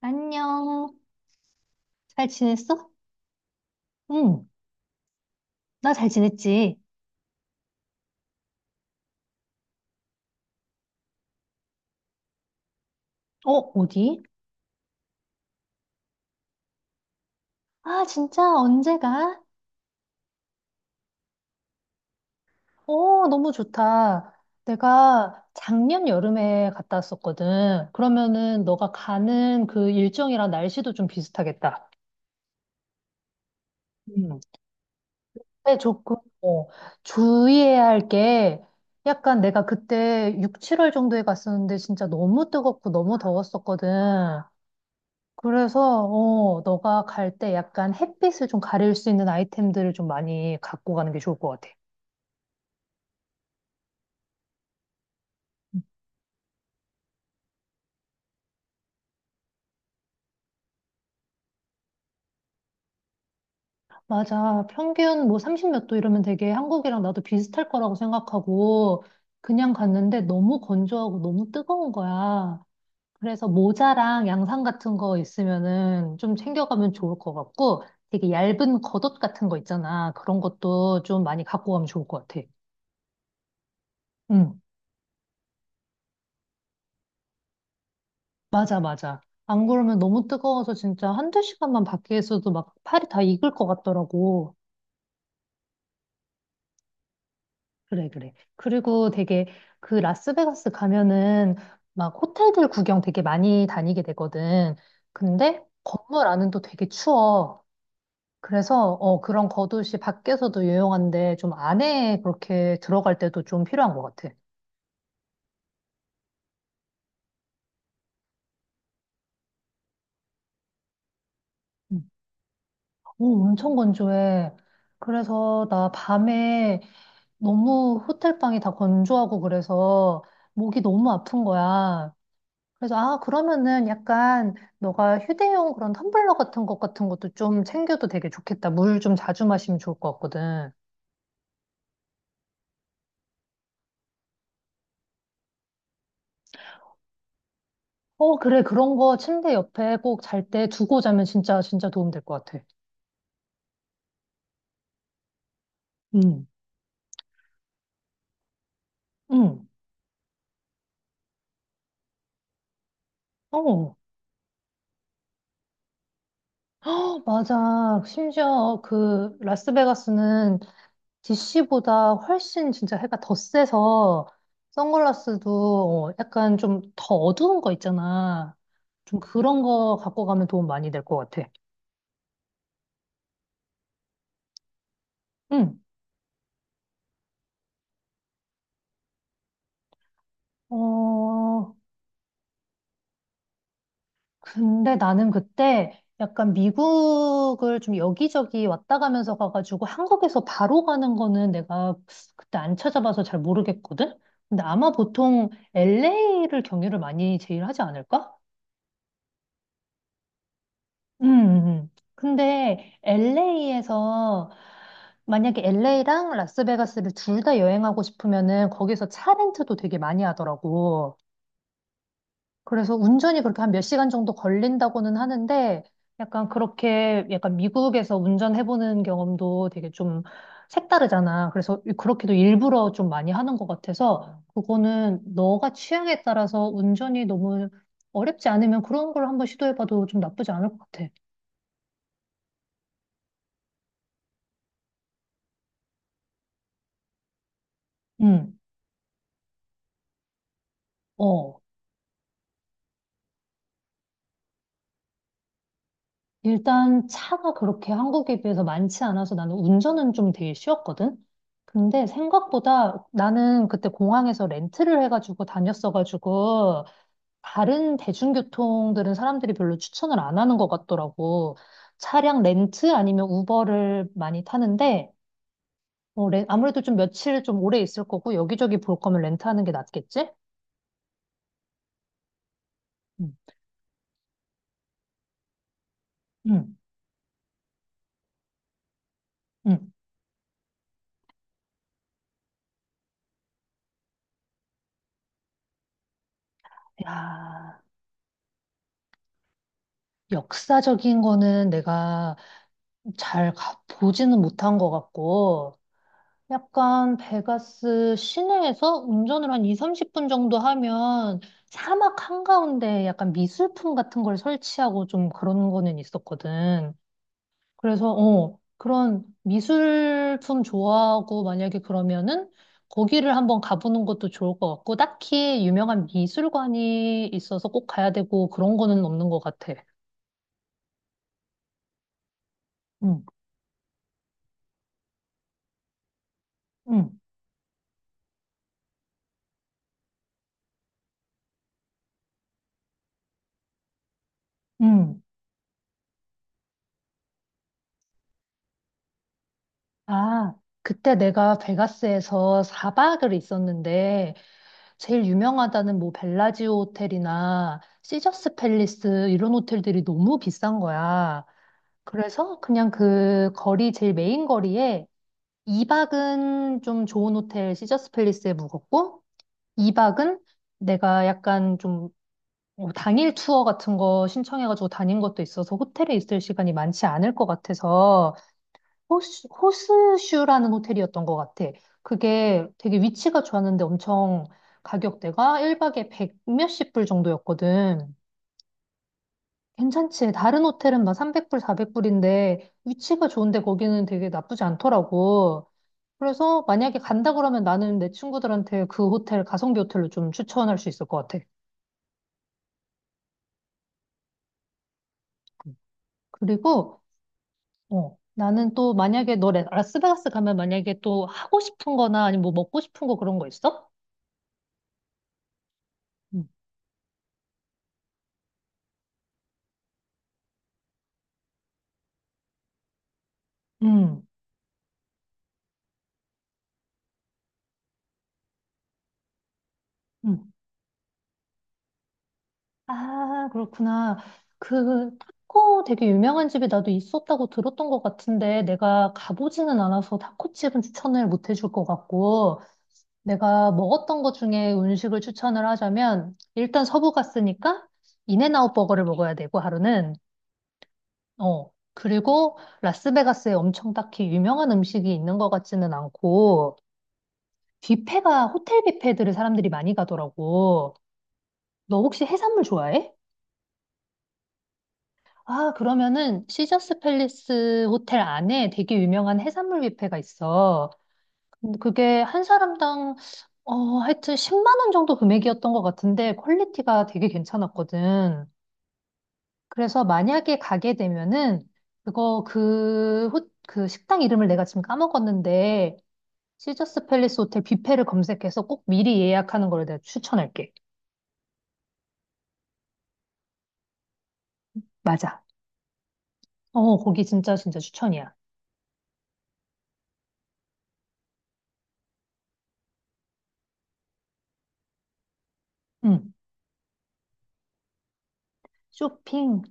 안녕. 잘 지냈어? 응, 나 잘 지냈지. 어, 어디? 아, 진짜 언제 가? 어, 너무 좋다. 내가 작년 여름에 갔다 왔었거든. 그러면은 너가 가는 그 일정이랑 날씨도 좀 비슷하겠다. 음. 근데 조금, 어, 주의해야 할 게 약간 내가 그때 6, 7월 정도에 갔었는데 진짜 너무 뜨겁고 너무 더웠었거든. 그래서, 너가 갈 때 약간 햇빛을 좀 가릴 수 있는 아이템들을 좀 많이 갖고 가는 게 좋을 것 같아. 맞아. 평균 뭐 30 몇 도 이러면 되게 한국이랑 나도 비슷할 거라고 생각하고 그냥 갔는데 너무 건조하고 너무 뜨거운 거야. 그래서 모자랑 양산 같은 거 있으면은 좀 챙겨가면 좋을 것 같고 되게 얇은 겉옷 같은 거 있잖아. 그런 것도 좀 많이 갖고 가면 좋을 것 같아. 응. 맞아, 맞아. 안 그러면 너무 뜨거워서 진짜 한두 시간만 밖에 있어도 막 팔이 다 익을 것 같더라고. 그래, 그래. 그리고 되게 그 라스베가스 가면은 막 호텔들 구경 되게 많이 다니게 되거든. 근데 건물 안은 또 되게 추워. 그래서 그런 겉옷이 밖에서도 유용한데 좀 안에 그렇게 들어갈 때도 좀 필요한 것 같아. 음. 오, 엄청 건조해. 그래서 나 밤에 너무 호텔방이 다 건조하고 그래서 목이 너무 아픈 거야. 그래서 아, 그러면은 약간 너가 휴대용 그런 텀블러 같은 것도 좀 챙겨도 되게 좋겠다. 물 좀 자주 마시면 좋을 것 같거든. 어, 그래. 그런 거 침대 옆에 꼭 잘 때 두고 자면 진짜, 진짜 도움 될 것 같아. 응, 응. 어, 어, 맞아. 심지어 그 라스베가스는 DC보다 훨씬 진짜 해가 더 세서 선글라스도 약간 좀 더 어두운 거 있잖아. 좀 그런 거 갖고 가면 도움 많이 될 것 같아. 응. 어, 근데 나는 그때 약간 미국을 좀 여기저기 왔다 가면서 가가지고 한국에서 바로 가는 거는 내가 그때 안 찾아봐서 잘 모르겠거든? 근데 아마 보통 LA를 경유를 많이 제일 하지 않을까? 음, 근데 LA에서 만약에 LA랑 라스베가스를 둘 다 여행하고 싶으면은 거기서 차 렌트도 되게 많이 하더라고. 그래서 운전이 그렇게 한 몇 시간 정도 걸린다고는 하는데 약간 그렇게 약간 미국에서 운전해보는 경험도 되게 좀 색다르잖아. 그래서 그렇게도 일부러 좀 많이 하는 것 같아서 그거는 너가 취향에 따라서 운전이 너무 어렵지 않으면 그런 걸 한번 시도해봐도 좀 나쁘지 않을 것 같아. 응. 어. 일단 차가 그렇게 한국에 비해서 많지 않아서 나는 운전은 좀 되게 쉬웠거든? 근데 생각보다 나는 그때 공항에서 렌트를 해가지고 다녔어가지고 다른 대중교통들은 사람들이 별로 추천을 안 하는 것 같더라고. 차량 렌트 아니면 우버를 많이 타는데 어, 아무래도 좀 며칠 좀 오래 있을 거고 여기저기 볼 거면 렌트하는 게 낫겠지? 응, 응, 응. 야, 역사적인 거는 내가 잘 보지는 못한 것 같고, 약간 베가스 시내에서 운전을 한 2, 30분 정도 하면 사막 한가운데 약간 미술품 같은 걸 설치하고 좀 그런 거는 있었거든. 그래서, 그런 미술품 좋아하고 만약에 그러면은 거기를 한번 가보는 것도 좋을 것 같고, 딱히 유명한 미술관이 있어서 꼭 가야 되고 그런 거는 없는 것 같아. 응, 응, 응. 아, 그때 내가 베가스에서 4박을 있었는데, 제일 유명하다는 뭐 벨라지오 호텔이나 시저스 팰리스 이런 호텔들이 너무 비싼 거야. 그래서 그냥 그 거리, 제일 메인 거리에 2박은 좀 좋은 호텔 시저스 팰리스에 묵었고, 2박은 내가 약간 좀 당일 투어 같은 거 신청해가지고 다닌 것도 있어서 호텔에 있을 시간이 많지 않을 것 같아서 호스슈라는 호텔이었던 것 같아. 그게 되게 위치가 좋았는데 엄청 가격대가 1박에 백 몇십 불 정도였거든. 괜찮지. 다른 호텔은 막 300불, 400불인데 위치가 좋은데 거기는 되게 나쁘지 않더라고. 그래서 만약에 간다 그러면 나는 내 친구들한테 그 호텔, 가성비 호텔로 좀 추천할 수 있을 것 같아. 그리고 나는 또 만약에 너 라스베가스 가면 만약에 또 하고 싶은 거나 아니면 뭐 먹고 싶은 거 그런 거 있어? 응. 음. 아, 그렇구나. 그 타코 되게 유명한 집이 나도 있었다고 들었던 것 같은데 내가 가보지는 않아서 타코집은 추천을 못 해줄 것 같고 내가 먹었던 것 중에 음식을 추천을 하자면 일단 서부 갔으니까 인앤아웃 버거를 먹어야 되고 하루는 그리고 라스베가스에 엄청 딱히 유명한 음식이 있는 것 같지는 않고 뷔페가 호텔 뷔페들을 사람들이 많이 가더라고. 너 혹시 해산물 좋아해? 아, 그러면은 시저스 팰리스 호텔 안에 되게 유명한 해산물 뷔페가 있어. 근데 그게 한 사람당 어, 하여튼 10만 원 정도 금액이었던 것 같은데 퀄리티가 되게 괜찮았거든. 그래서 만약에 가게 되면은 그거 그 식당 이름을 내가 지금 까먹었는데 시저스 팰리스 호텔 뷔페를 검색해서 꼭 미리 예약하는 걸 내가 추천할게. 맞아. 어, 거기 진짜 진짜 추천이야. 응. 쇼핑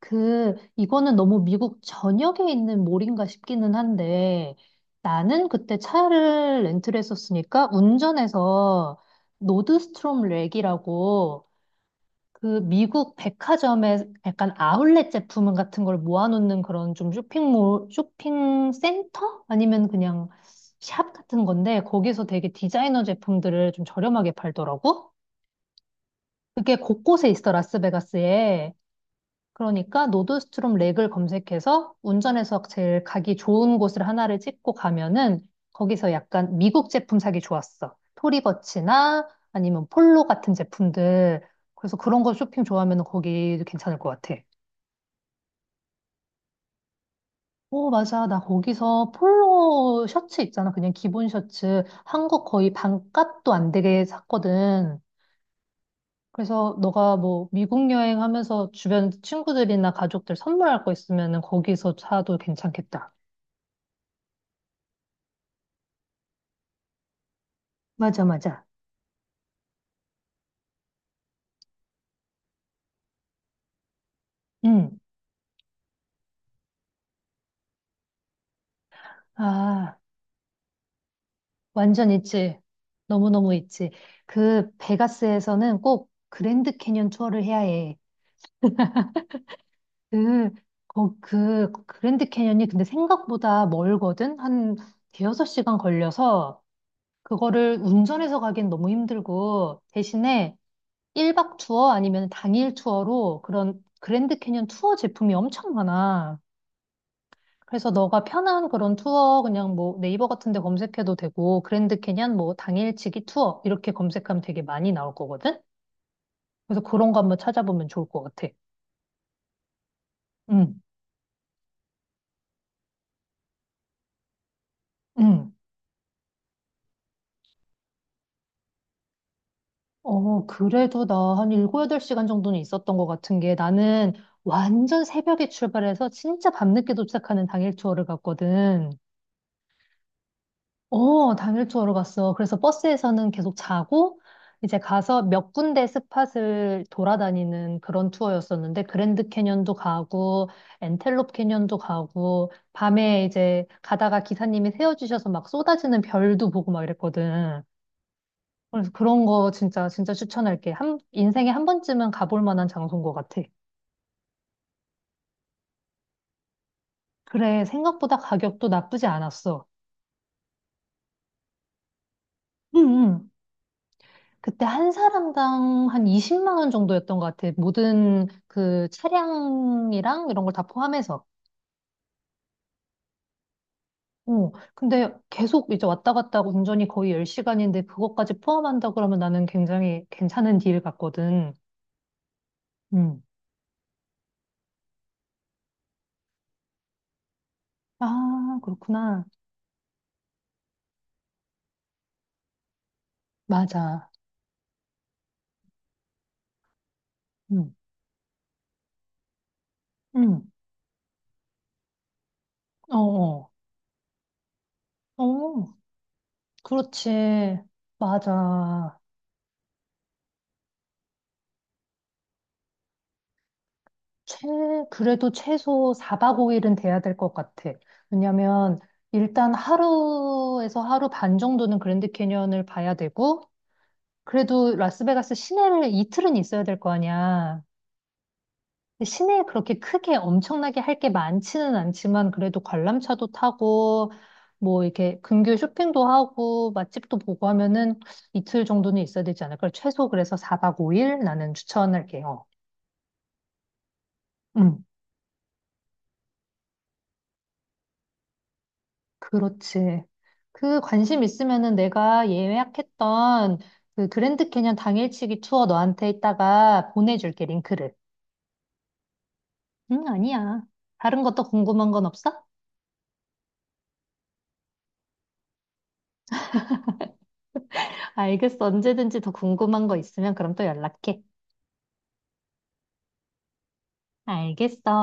이거는 너무 미국 전역에 있는 몰인가 싶기는 한데, 나는 그때 차를 렌트를 했었으니까, 운전해서 노드스트롬 랙이라고, 그 미국 백화점에 약간 아울렛 제품 같은 걸 모아놓는 그런 좀 쇼핑몰, 쇼핑 센터? 아니면 그냥 샵 같은 건데, 거기서 되게 디자이너 제품들을 좀 저렴하게 팔더라고? 그게 곳곳에 있어, 라스베가스에. 그러니까 노드스트롬 렉을 검색해서 운전해서 제일 가기 좋은 곳을 하나를 찍고 가면은 거기서 약간 미국 제품 사기 좋았어. 토리버치나 아니면 폴로 같은 제품들. 그래서 그런 거 쇼핑 좋아하면 거기 괜찮을 것 같아. 오, 맞아. 나 거기서 폴로 셔츠 있잖아. 그냥 기본 셔츠. 한국 거의 반값도 안 되게 샀거든. 그래서 너가 뭐 미국 여행하면서 주변 친구들이나 가족들 선물할 거 있으면은 거기서 사도 괜찮겠다. 맞아, 맞아. 응. 아, 완전 있지. 너무너무 있지. 그 베가스에서는 꼭 그랜드 캐년 투어를 해야 해. 그, 그 그랜드 캐년이 근데 생각보다 멀거든? 한 대여섯 시간 걸려서 그거를 운전해서 가긴 너무 힘들고 대신에 1박 투어 아니면 당일 투어로 그런 그랜드 캐년 투어 제품이 엄청 많아. 그래서 너가 편한 그런 투어 그냥 뭐 네이버 같은 데 검색해도 되고 그랜드 캐니언 뭐 당일치기 투어 이렇게 검색하면 되게 많이 나올 거거든. 그래서 그런 거 한번 찾아보면 좋을 것 같아. 응, 응. 어, 그래도 나 한 7, 8시간 정도는 있었던 것 같은 게 나는 완전 새벽에 출발해서 진짜 밤늦게 도착하는 당일 투어를 갔거든. 어, 당일 투어로 갔어. 그래서 버스에서는 계속 자고, 이제 가서 몇 군데 스팟을 돌아다니는 그런 투어였었는데, 그랜드 캐년도 가고, 엔텔롭 캐년도 가고, 밤에 이제 가다가 기사님이 세워주셔서 막 쏟아지는 별도 보고 막 이랬거든. 그래서 그런 거 진짜, 진짜 추천할게. 인생에 한 번쯤은 가볼 만한 장소인 것 같아. 그래, 생각보다 가격도 나쁘지 않았어. 응, 응. 그때 한 사람당 한 20만 원 정도였던 것 같아. 모든 그 차량이랑 이런 걸 다 포함해서. 어, 근데 계속 이제 왔다 갔다 하고 운전이 거의 10시간인데 그것까지 포함한다 그러면 나는 굉장히 괜찮은 딜 같거든. 음. 아, 그렇구나. 맞아. 음. 음. 어, 어. 어, 그렇지. 맞아. 최, 그래도 최소 4박 5일은 돼야 될 것 같아. 왜냐면 일단 하루에서 하루 반 정도는 그랜드 캐니언을 봐야 되고, 그래도 라스베가스 시내를 이틀은 있어야 될 거 아니야. 근데 시내에 그렇게 크게 엄청나게 할 게 많지는 않지만, 그래도 관람차도 타고, 뭐 이렇게 근교 쇼핑도 하고, 맛집도 보고 하면은 이틀 정도는 있어야 되지 않을까? 최소 그래서 4박 5일 나는 추천할게요. 음. 그렇지. 그 관심 있으면은 내가 예약했던 그 그랜드 캐년 당일치기 투어 너한테 이따가 보내줄게, 링크를. 응, 아니야. 다른 것도 궁금한 건 없어? 알겠어. 언제든지 더 궁금한 거 있으면 그럼 또 연락해. 알겠어.